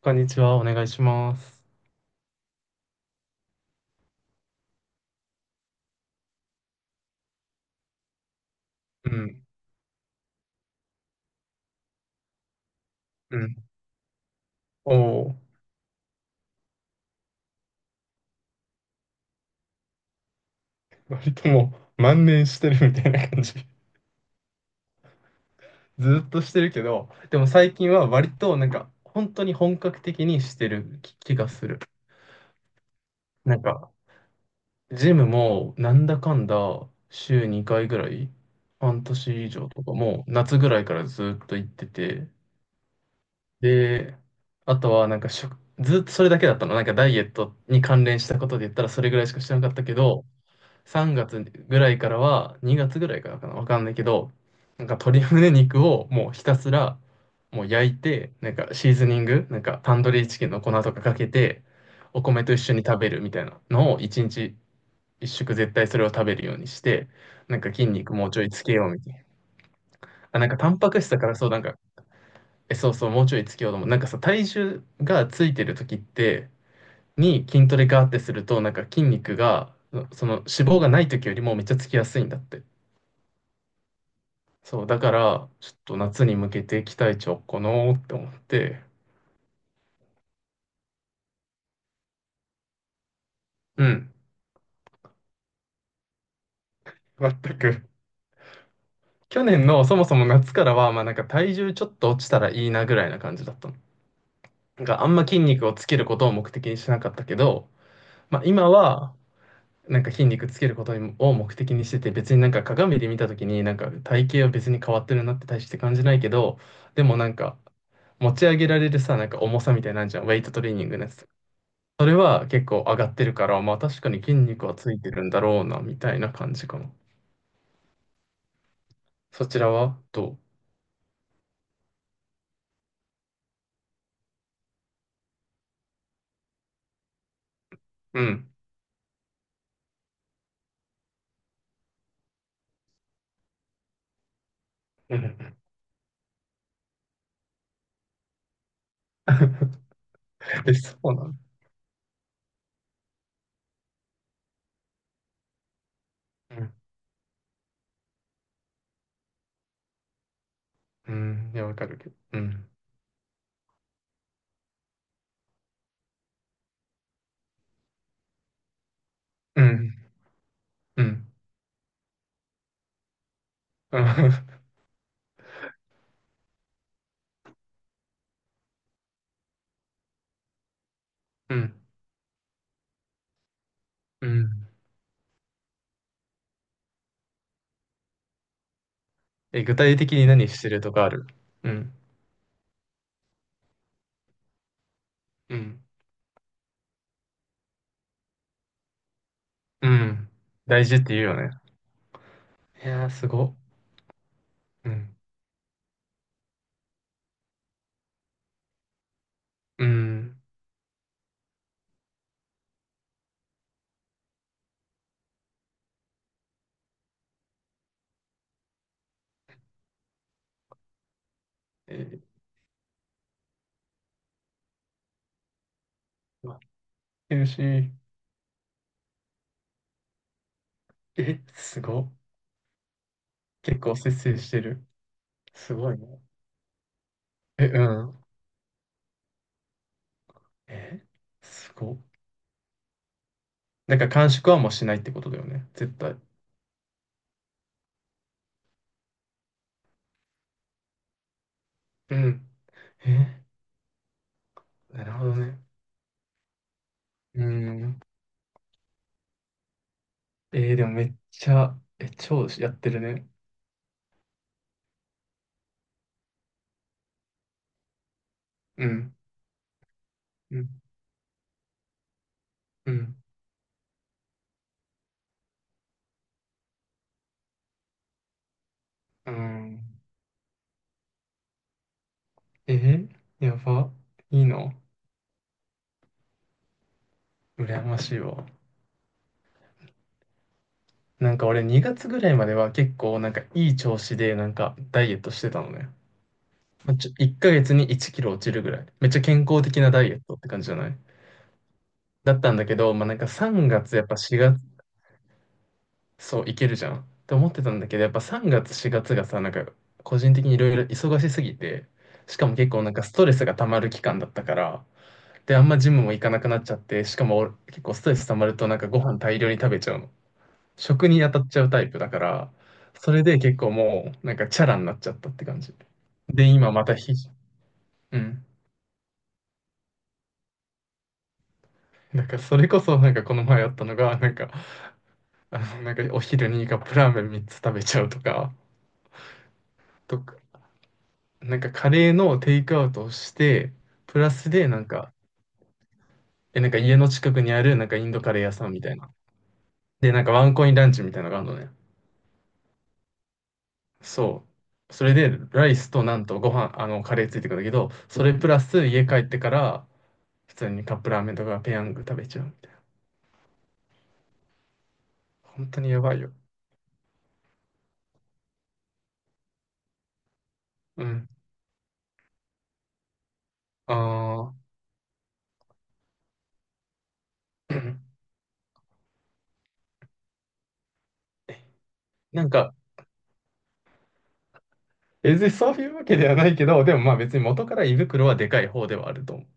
こんにちは、お願いします。うん、うん。おお、割ともう万年してるみたいな感じ。ずっとしてるけど、でも最近は割となんか、本当に本格的にしてる気がする。なんか、ジムもなんだかんだ週2回ぐらい、半年以上とかもう夏ぐらいからずっと行ってて、で、あとはなんか食ずっとそれだけだったの。なんかダイエットに関連したことで言ったらそれぐらいしかしてなかったけど、3月ぐらいからは、2月ぐらいからかな、わかんないけど、なんか鶏胸肉をもうひたすらもう焼いて、なんかシーズニング、なんかタンドリーチキンの粉とかかけて、お米と一緒に食べるみたいなのを1日1食絶対それを食べるようにして、なんか筋肉もうちょいつけようみたいな。あ、なんかタンパク質だからそう、なんか、え、そうそう、もうちょいつけようと思う。なんかさ、体重がついてる時って、に筋トレガーってすると、なんか筋肉が、その脂肪がない時よりもめっちゃつきやすいんだって。そう、だから、ちょっと夏に向けて期待値をこのーって思って、うん、全く。去年のそもそも夏からは、まあなんか体重ちょっと落ちたらいいなぐらいな感じだったの。なんかあんま筋肉をつけることを目的にしなかったけど、まあ今は、なんか筋肉つけることを目的にしてて、別になんか鏡で見た時になんか体型は別に変わってるなって大して感じないけど、でもなんか持ち上げられるさ、なんか重さみたいなんじゃん、ウェイトトレーニングのやつ。それは結構上がってるから、まあ確かに筋肉はついてるんだろうな、みたいな感じかな。そちらはどう。うん。うん。で、そうなの。うん。うん。いや、わかるけど。うん。うん。うん。うん。うん。うん。え、具体的に何してるとかある？うん。うん。うん。大事って言うよね。いやー、すご。うん。うん。え、うわ、ヘルシー。え、すご。結構節制してる。すごいね。え、うん。え、すごっ。なんか完食はもうしないってことだよね。絶対。うん。え、なるほどね。うん。えーでもめっちゃ、え、超やってるね。うん。うん。うん。うん。えーやば。いいの？羨ましいわ。なんか俺2月ぐらいまでは結構なんかいい調子でなんかダイエットしてたのね。まあちょ、1ヶ月に1キロ落ちるぐらい。めっちゃ健康的なダイエットって感じじゃない？だったんだけど、まあなんか3月やっぱ4、そう、いけるじゃんって思ってたんだけど、やっぱ3月、4月がさ、なんか個人的にいろいろ忙しすぎて、しかも結構なんかストレスが溜まる期間だったから、で、あんまジムも行かなくなっちゃって、しかも俺結構ストレス溜まるとなんかご飯大量に食べちゃうの。食に当たっちゃうタイプだから、それで結構もうなんかチャラになっちゃったって感じ。で、今またひ、うん。なんかそれこそなんかこの前あったのが、なんか、あの、なんかお昼にカップラーメン3つ食べちゃうとか、と、なんかカレーのテイクアウトをして、プラスでなんか、え、なんか家の近くにあるなんかインドカレー屋さんみたいな。で、なんかワンコインランチみたいなのがあるのね。そう。それでライスとなんとご飯、あのカレーついてくるんだけど、それプラス家帰ってから普通にカップラーメンとかペヤング食べちゃうみたいな。本当にやばいよ。うん。あー。 なんか、別にそういうわけではないけど、でもまあ別に元から胃袋はでかい方ではあると思う。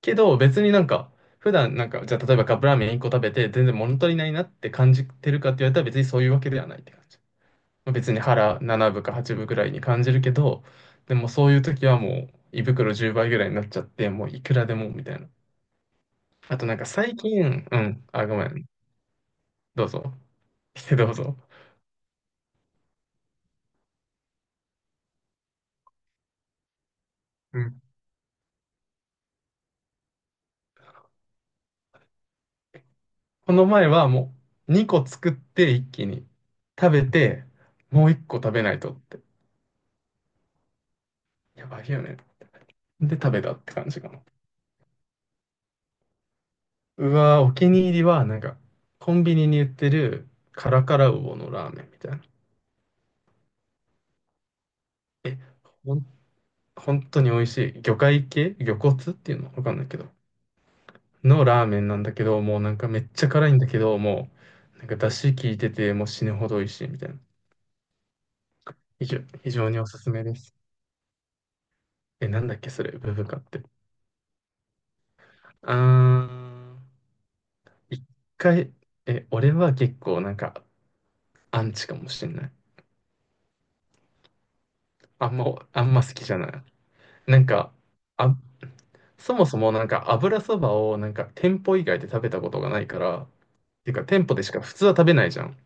けど、別になんか、普段なんか、じゃあ例えばカップラーメン1個食べて、全然物足りないなって感じてるかって言われたら別にそういうわけではないって感じ。まあ別に腹7分か8分ぐらいに感じるけど、でもそういう時はもう胃袋10倍ぐらいになっちゃって、もういくらでもみたいな。あとなんか最近、うん、あ、ごめん、どうぞ。どうぞ。うん、この前はもう2個作って一気に食べて、もう1個食べないとって。やばいよね。で食べたって感じかな。うわー、お気に入りは、なんか、コンビニに売ってるカラカラウオのラーメンみたいな。え、ほん、本当に美味しい。魚介系魚骨っていうのわかんないけど。のラーメンなんだけど、もうなんかめっちゃ辛いんだけど、もう、なんか出汁効いてて、もう死ぬほど美味しいみたいな。非常、非常におすすめです。え、なんだっけ、それ、ブブカって。あー、一回、え、俺は結構なんか、アンチかもしれない。あんま、あんま好きじゃない。なんか、あ、そもそもなんか油そばをなんか店舗以外で食べたことがないから、っていうか店舗でしか普通は食べないじゃん。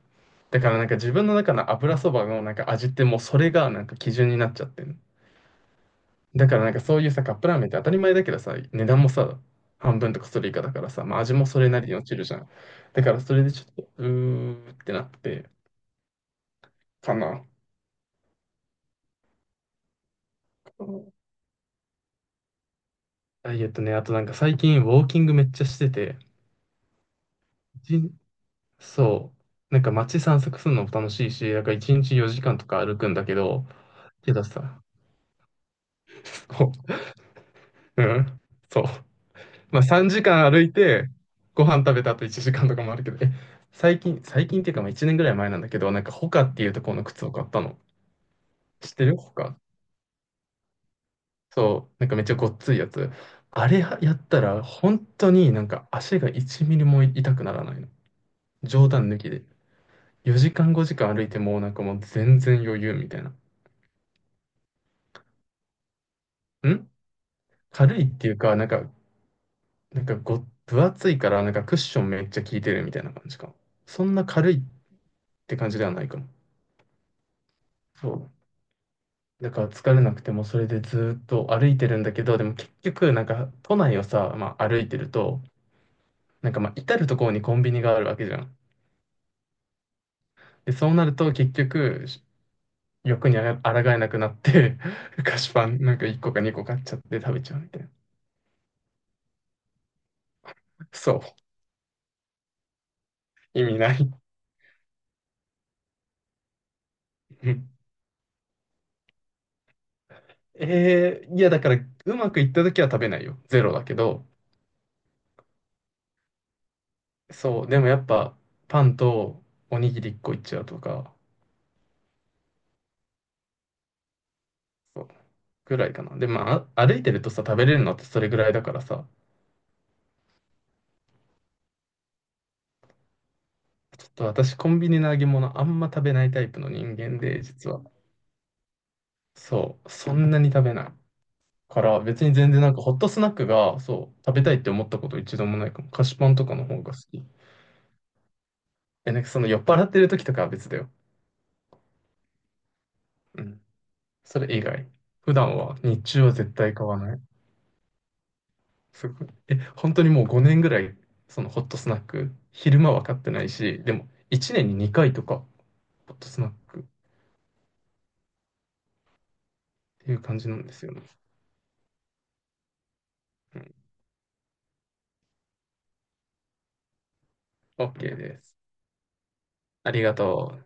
だからなんか自分の中の油そばのなんか味ってもうそれがなんか基準になっちゃってる。だからなんかそういうさ、カップラーメンって当たり前だけどさ、値段もさ、半分とかそれ以下だからさ、まあ味もそれなりに落ちるじゃん。だからそれでちょっと、うーってなって、かな。ダイエットね、あとなんか最近ウォーキングめっちゃしてて、そう。なんか街散策するのも楽しいし、なんか1日4時間とか歩くんだけど、けどさ、こう、うん、そう。まあ3時間歩いて、ご飯食べた後1時間とかもあるけど、え、最近っていうかまあ1年ぐらい前なんだけど、なんかホカっていうところの靴を買ったの。知ってるホカ？そう。なんかめっちゃごっついやつ。あれやったら、本当になんか足が1ミリも痛くならないの。冗談抜きで。4時間5時間歩いても、なんかもう全然余裕みたいな。ん、軽いっていうか、なんか、なんかご、分厚いから、なんかクッションめっちゃ効いてるみたいな感じかも。そんな軽いって感じではないかも。そう。だから疲れなくてもそれでずーっと歩いてるんだけど、でも結局なんか都内をさ、まあ歩いてると、なんかまあ至る所にコンビニがあるわけじゃん。で、そうなると結局し欲にあら抗えなくなって 菓子パンなんか1個か2個買っちゃって食べちゃうみたいな。そう。意味ない。えー、いやだからうまくいった時は食べないよ。ゼロだけど、そう、でもやっぱパンとおにぎり1個いっちゃうとか、そうぐらいかな。で、まあ、あ、歩いてるとさ、食べれるのってそれぐらいだからさ、ちょっと私コンビニの揚げ物あんま食べないタイプの人間で、実は。そう、そんなに食べない。から別に全然なんかホットスナックが、そう、食べたいって思ったこと一度もないかも。菓子パンとかの方が好き。え、なんかその酔っ払ってる時とかは別だよ。うん。それ以外。普段は、日中は絶対買わない。すごい。え、本当にもう5年ぐらい、そのホットスナック、昼間は買ってないし、でも1年に2回とか、ホットスナックっていう感じなんですよね。うん。OK です。ありがとう。